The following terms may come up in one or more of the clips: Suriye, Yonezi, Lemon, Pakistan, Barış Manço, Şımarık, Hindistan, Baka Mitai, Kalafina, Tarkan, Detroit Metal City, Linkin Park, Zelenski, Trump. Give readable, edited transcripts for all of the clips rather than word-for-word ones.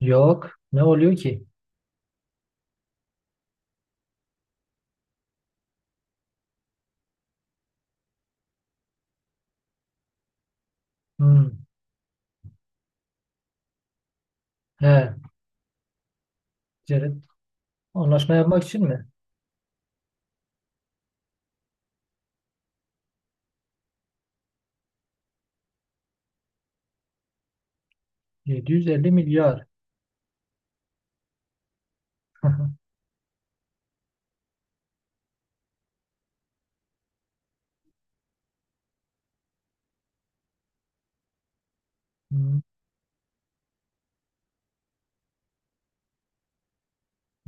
Yok. Ne oluyor ki? Hmm. He. Ticaret anlaşma yapmak için mi? 750 milyar. Hmm.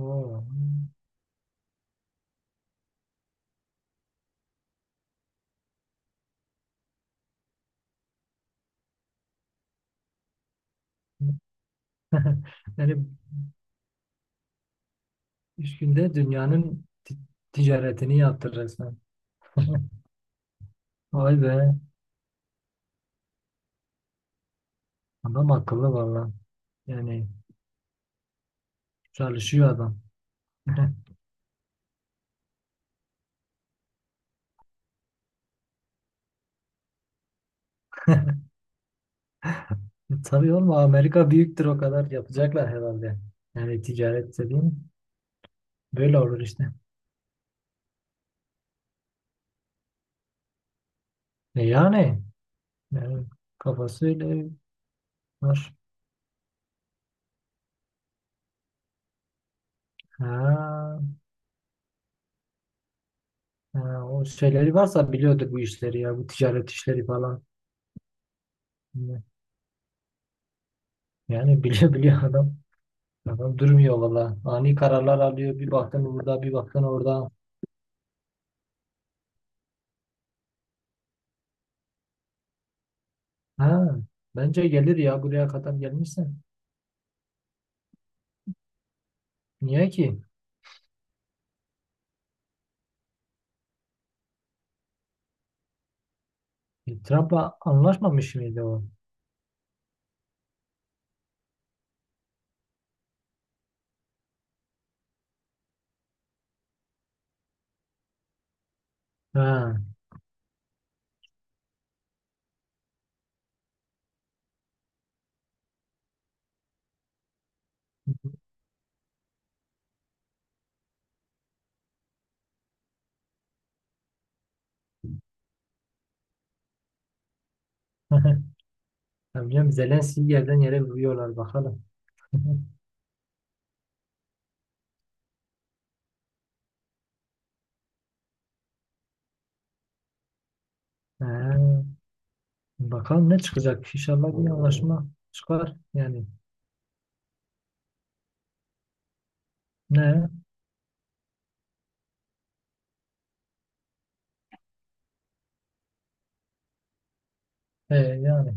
Oo. Yani 3 günde dünyanın ticaretini yaptı resmen. Vay be. Adam akıllı valla. Yani çalışıyor adam. Tabii oğlum, Amerika büyüktür, o kadar yapacaklar herhalde. Yani ticaret dediğin böyle olur işte. E yani, yani kafası öyle var. Ha. Ha, o şeyleri varsa biliyordur bu işleri ya. Bu ticaret işleri falan. Yani biliyor biliyor adam. Adam durmuyor valla. Ani kararlar alıyor. Bir baktın burada, bir baktın orada. Ha, bence gelir ya, buraya kadar gelmişse. Niye ki? E, Trump'la anlaşmamış mıydı o? Ha. Ya, biliyorum, Zelenski'yi yerden yere vuruyorlar, bakalım. Ha, bakalım ne çıkacak? İnşallah bir anlaşma çıkar. Yani ne? E, yani.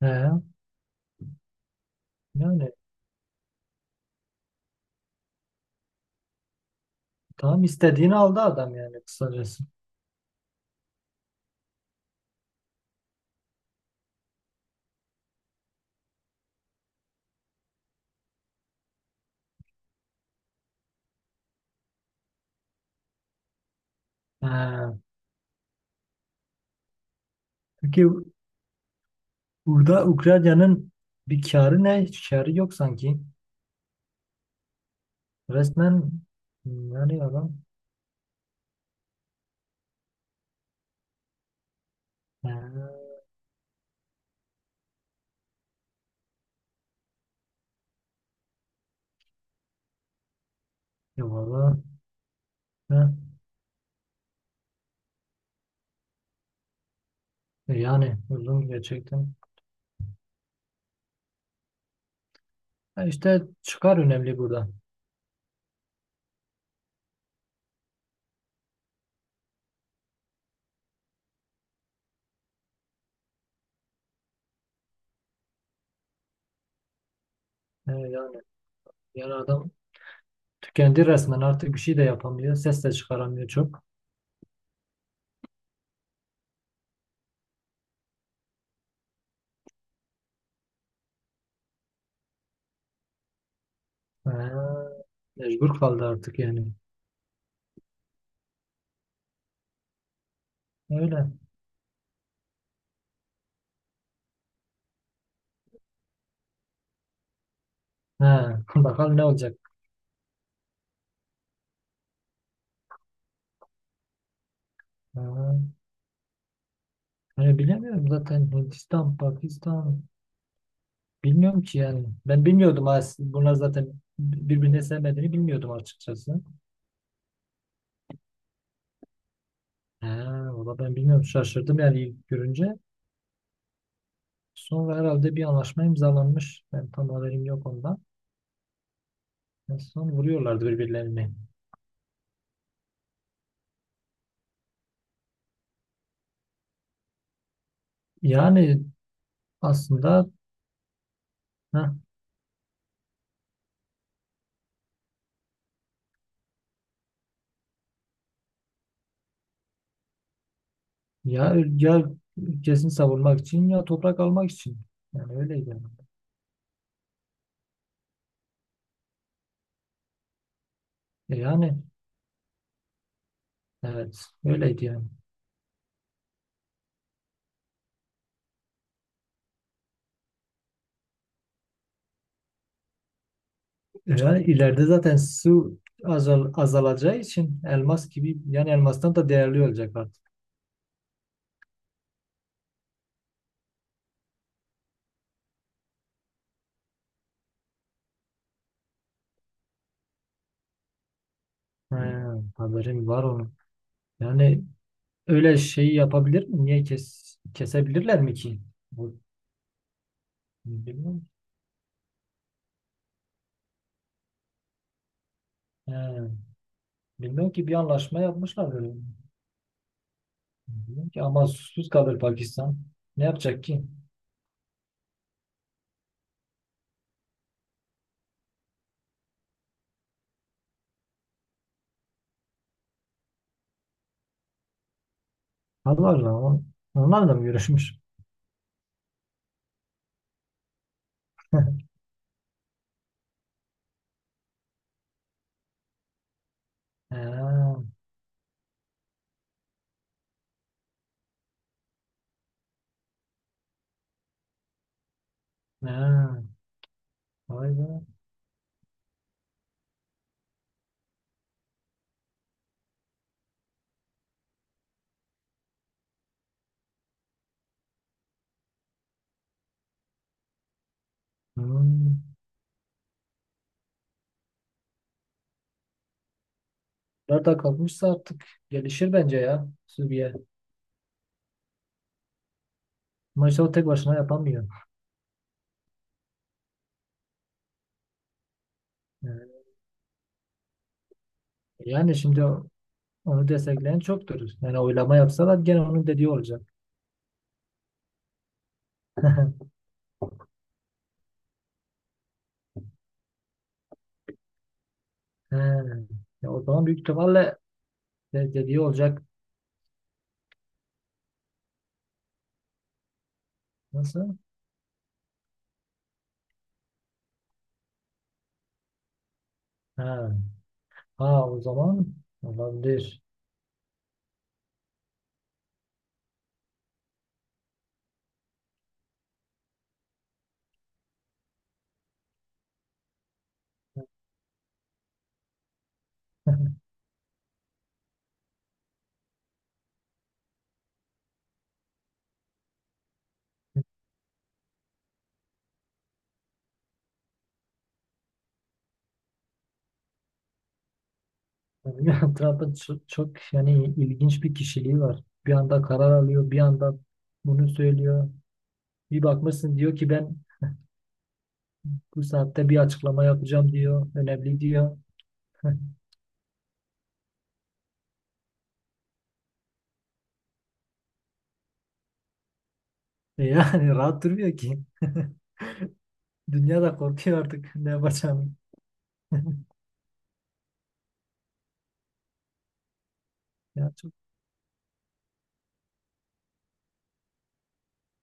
He, yani tam istediğini aldı adam yani kısacası. He. Peki, burada Ukrayna'nın bir karı ne? Hiç karı yok sanki. Resmen. Yani adam. He. Ya valla. He. E yani uzun gerçekten. E işte çıkar önemli burada. E yani yani adam tükendi resmen, artık bir şey de yapamıyor. Ses de çıkaramıyor çok. E, mecbur kaldı artık yani. Öyle. He. Bakalım ne olacak. He. Hani bilemiyorum zaten Hindistan, Pakistan bilmiyorum ki yani. Ben bilmiyordum bunlar zaten birbirine sevmediğini bilmiyordum açıkçası. He, valla ben bilmiyorum, şaşırdım yani ilk görünce. Sonra herhalde bir anlaşma imzalanmış. Ben tam haberim yok ondan. En son vuruyorlardı birbirlerini. Yani aslında heh, ya, ya ülkesini savunmak için, ya toprak almak için. Yani öyleydi. Yani, E yani evet öyleydi yani. Yani ileride zaten su azalacağı için elmas gibi, yani elmastan da değerli olacak artık. He, haberim var onun. Yani öyle şey yapabilir mi? Niye kesebilirler mi ki? Bu, bilmiyorum. He, bilmiyorum ki, bir anlaşma yapmışlar böyle. Bilmiyorum ki ama susuz kalır Pakistan. Ne yapacak ki? Allah Allah. Onlarla mı görüşmüş? He, he, vay be. Hmm. Nerede kalmışsa artık gelişir bence ya. Suriye. Maçı o tek başına yapamıyor. Ee, Yani şimdi onu destekleyen çoktur. Yani oylama yapsalar gene onun dediği olacak. He. Ya o zaman büyük ihtimalle dediği olacak. Nasıl? Ha, ha o zaman olabilir. Yani Trump'ın çok, çok yani ilginç bir kişiliği var. Bir anda karar alıyor, bir anda bunu söylüyor. Bir bakmışsın diyor ki, ben bu saatte bir açıklama yapacağım diyor. Önemli diyor. Yani rahat durmuyor ki. Dünya da korkuyor artık ne yapacağını. Ya çok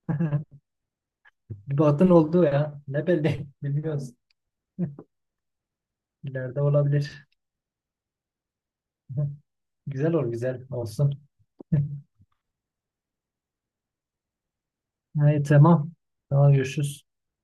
bir batın oldu ya. Ne belli, bilmiyoruz. İleride olabilir. Güzel güzel olsun. Evet, tamam. Tamam, görüşürüz.